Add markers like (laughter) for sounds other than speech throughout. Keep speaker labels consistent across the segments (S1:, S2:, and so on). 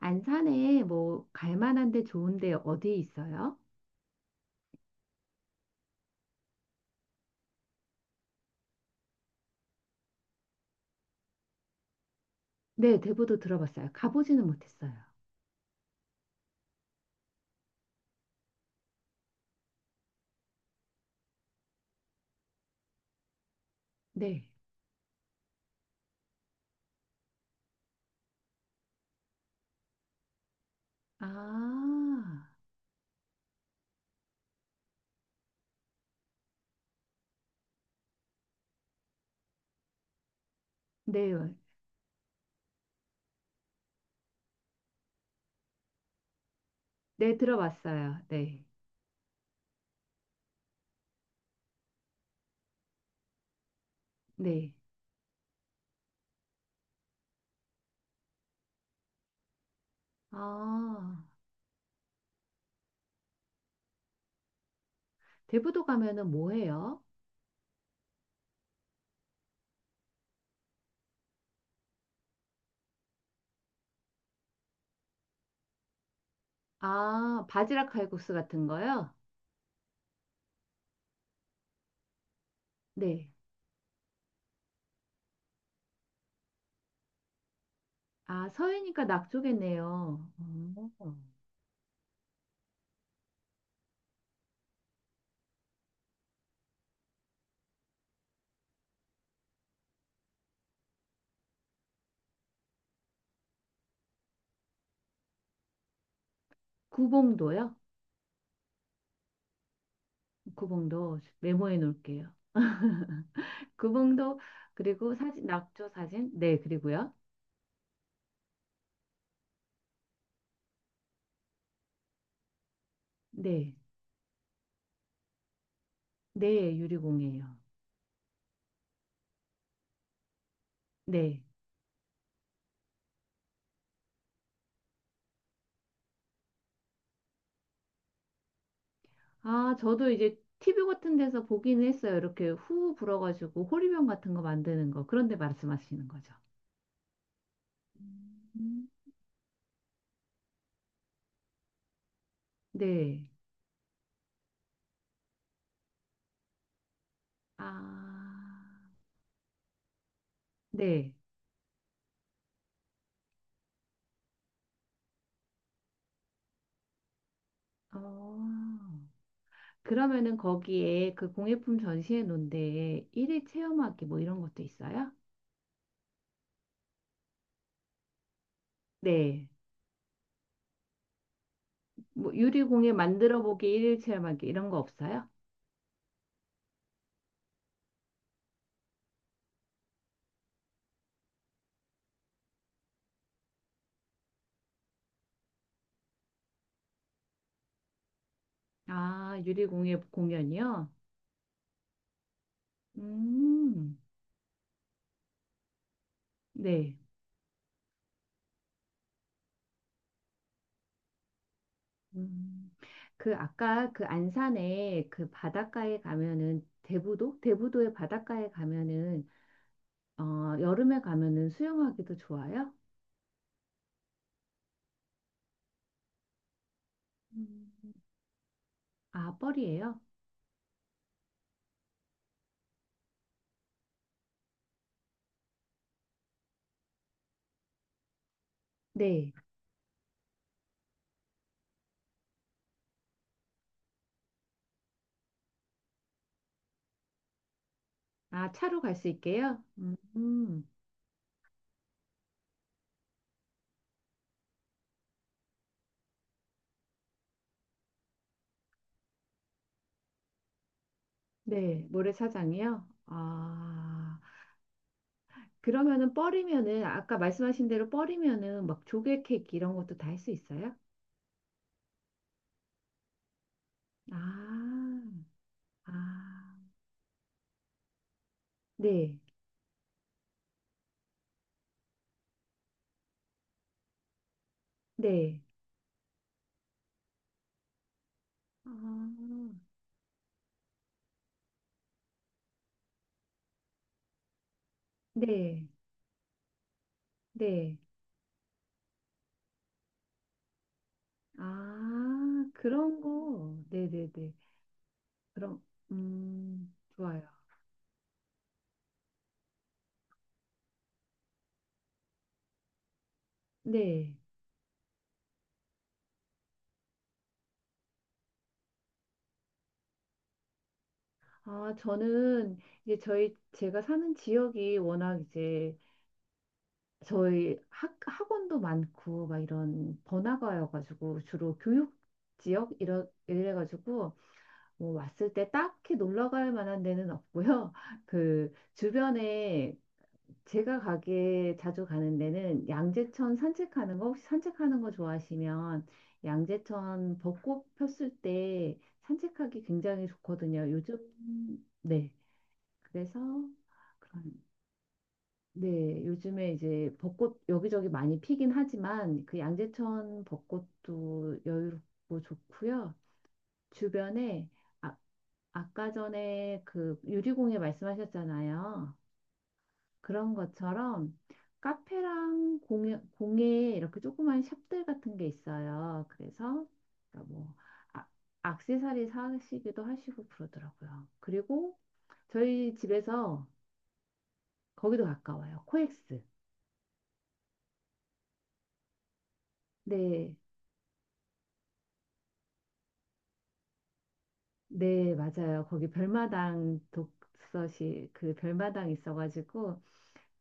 S1: 안산에 뭐 갈 만한 데 좋은 데 어디 있어요? 네, 대부도 들어봤어요. 가보지는 못했어요. 네. 아, 네. 네, 들어봤어요. 네. 네. 아, 대부도 가면은 뭐 해요? 아, 바지락 칼국수 같은 거요? 네. 아, 서해니까 낙조겠네요. 어. 구봉도요? 구봉도 메모해 놓을게요. 구봉도 그리고 사진 낙조 사진 네 그리고요. 네. 네, 유리공이에요. 네. 아, 저도 이제 TV 같은 데서 보기는 했어요. 이렇게 후 불어가지고 호리병 같은 거 만드는 거. 그런데 말씀하시는 거죠. 음. 네. 아, 네. 어. 그러면은 거기에 그 공예품 전시회 놓은데 일일 체험하기 뭐 이런 것도 있어요? 네. 뭐 유리공예 만들어 보기 일일 체험하기 이런 거 없어요? 아, 유리공예 공연이요? 음. 네. 음, 그 아까 그 안산에 그 바닷가에 가면은 대부도? 대부도의 바닷가에 가면은 여름에 가면은 수영하기도 좋아요? 음. 아, 뻘이에요? 네. 아, 차로 갈 수 있게요? 음, 네. 모래사장이요? 아, 그러면은 뻘이면은 아까 말씀하신 대로 뻘이면은 막 조개 케이크 이런 것도 다 할 수 있어요? 아, 아, 네. 네. 아, 네. 네. 아, 그런 거. 네네네. 그럼, 좋아요. 네. 아, 저는 이제 제가 사는 지역이 워낙 이제 저희 학원도 많고 막 이런 번화가여가지고 주로 교육 지역 이래가지고 뭐 왔을 때 딱히 놀러 갈 만한 데는 없고요. (laughs) 그 주변에 제가 가게 자주 가는 데는 양재천 산책하는 거 혹시 산책하는 거 좋아하시면 양재천 벚꽃 폈을 때 산책하기 굉장히 좋거든요. 요즘 네. 그래서 그런 네, 요즘에 이제 벚꽃 여기저기 많이 피긴 하지만 그 양재천 벚꽃도 여유롭고 좋고요. 주변에 아, 아까 전에 그 유리공예 말씀하셨잖아요. 그런 것처럼 카페랑 공예 이렇게 조그만 샵들 같은 게 있어요. 그래서 그러니까 뭐 아, 액세서리 사시기도 하시고 그러더라고요. 그리고 저희 집에서 거기도 가까워요. 코엑스. 네, 네, 맞아요. 거기 별마당 독서실 그 별마당 있어가지고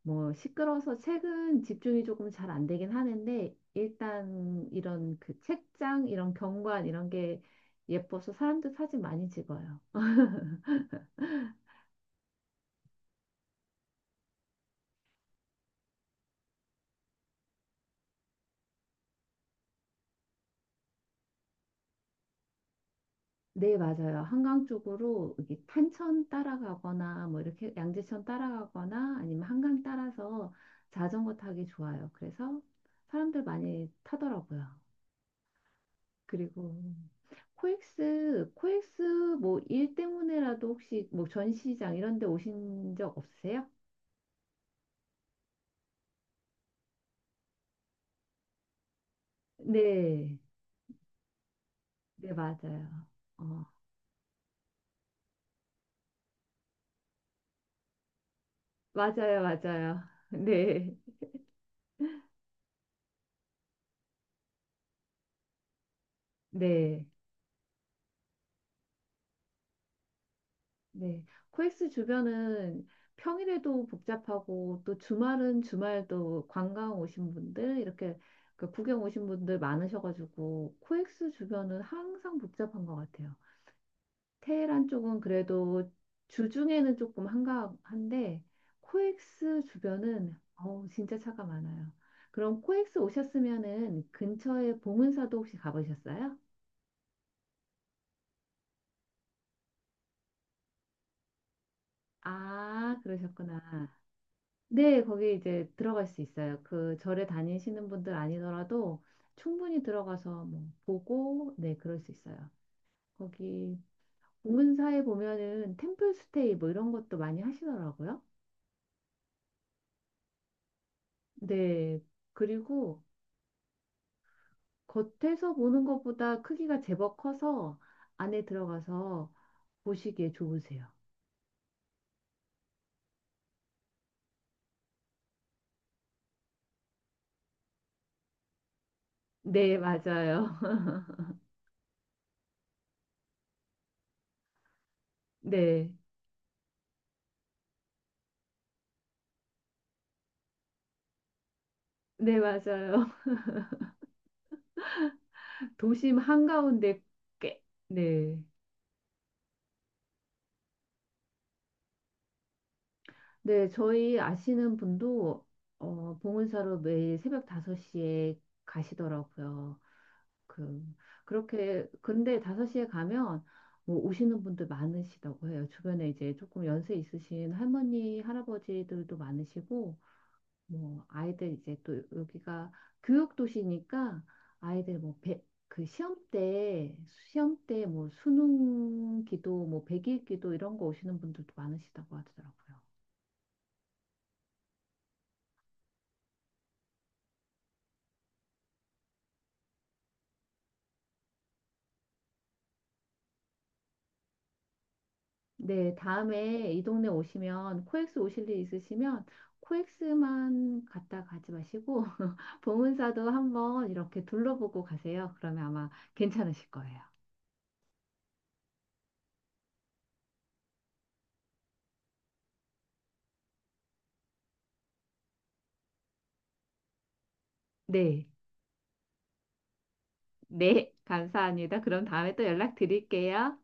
S1: 뭐 시끄러워서 책은 집중이 조금 잘 안 되긴 하는데 일단 이런 그 책장 이런 경관 이런 게 예뻐서 사람들 사진 많이 찍어요. 네, 맞아요. 한강 쪽으로 이게 탄천 따라가거나 뭐 이렇게 양재천 따라가거나 아니면 한강 따라서 자전거 타기 좋아요. 그래서 사람들 많이 타더라고요. 그리고 코엑스 뭐 일 때문에라도 혹시 뭐 전시장 이런 데 오신 적 없으세요? 네. 네, 맞아요. 어, 맞아요, 맞아요. (laughs) 네, 네, 네. 코엑스 주변은 평일에도 복잡하고 또 주말은 주말도 관광 오신 분들 이렇게 그 구경 오신 분들 많으셔가지고 코엑스 주변은 항상 복잡한 것 같아요. 테헤란 쪽은 그래도 주중에는 조금 한가한데 코엑스 주변은 어우 진짜 차가 많아요. 그럼 코엑스 오셨으면은 근처에 봉은사도 혹시 가보셨어요? 아, 그러셨구나. 네, 거기 이제 들어갈 수 있어요. 그 절에 다니시는 분들 아니더라도 충분히 들어가서 뭐 보고 네, 그럴 수 있어요. 거기 봉은사에 보면은 템플스테이 뭐 이런 것도 많이 하시더라고요. 네. 그리고 겉에서 보는 것보다 크기가 제법 커서 안에 들어가서 보시기에 좋으세요. 네, 맞아요. (laughs) 네, 네, 맞아요. (laughs) 도심 한가운데 꽤, 네. 네, 저희 아시는 분도 봉은사로 매일 새벽 5시에 가시더라고요. 그, 그렇게, 근데 5시에 가면 뭐 오시는 분들 많으시다고 해요. 주변에 이제 조금 연세 있으신 할머니, 할아버지들도 많으시고, 뭐 아이들 이제 또 여기가 교육 도시니까 아이들 뭐 그 시험 때 뭐 수능 기도 뭐 100일 기도 이런 거 오시는 분들도 많으시다고 하더라고요. 네, 다음에 이 동네 오시면 코엑스 오실 일 있으시면 코엑스만 갔다 가지 마시고 (laughs) 봉은사도 한번 이렇게 둘러보고 가세요. 그러면 아마 괜찮으실 거예요. 네. 네, 감사합니다. 그럼 다음에 또 연락드릴게요.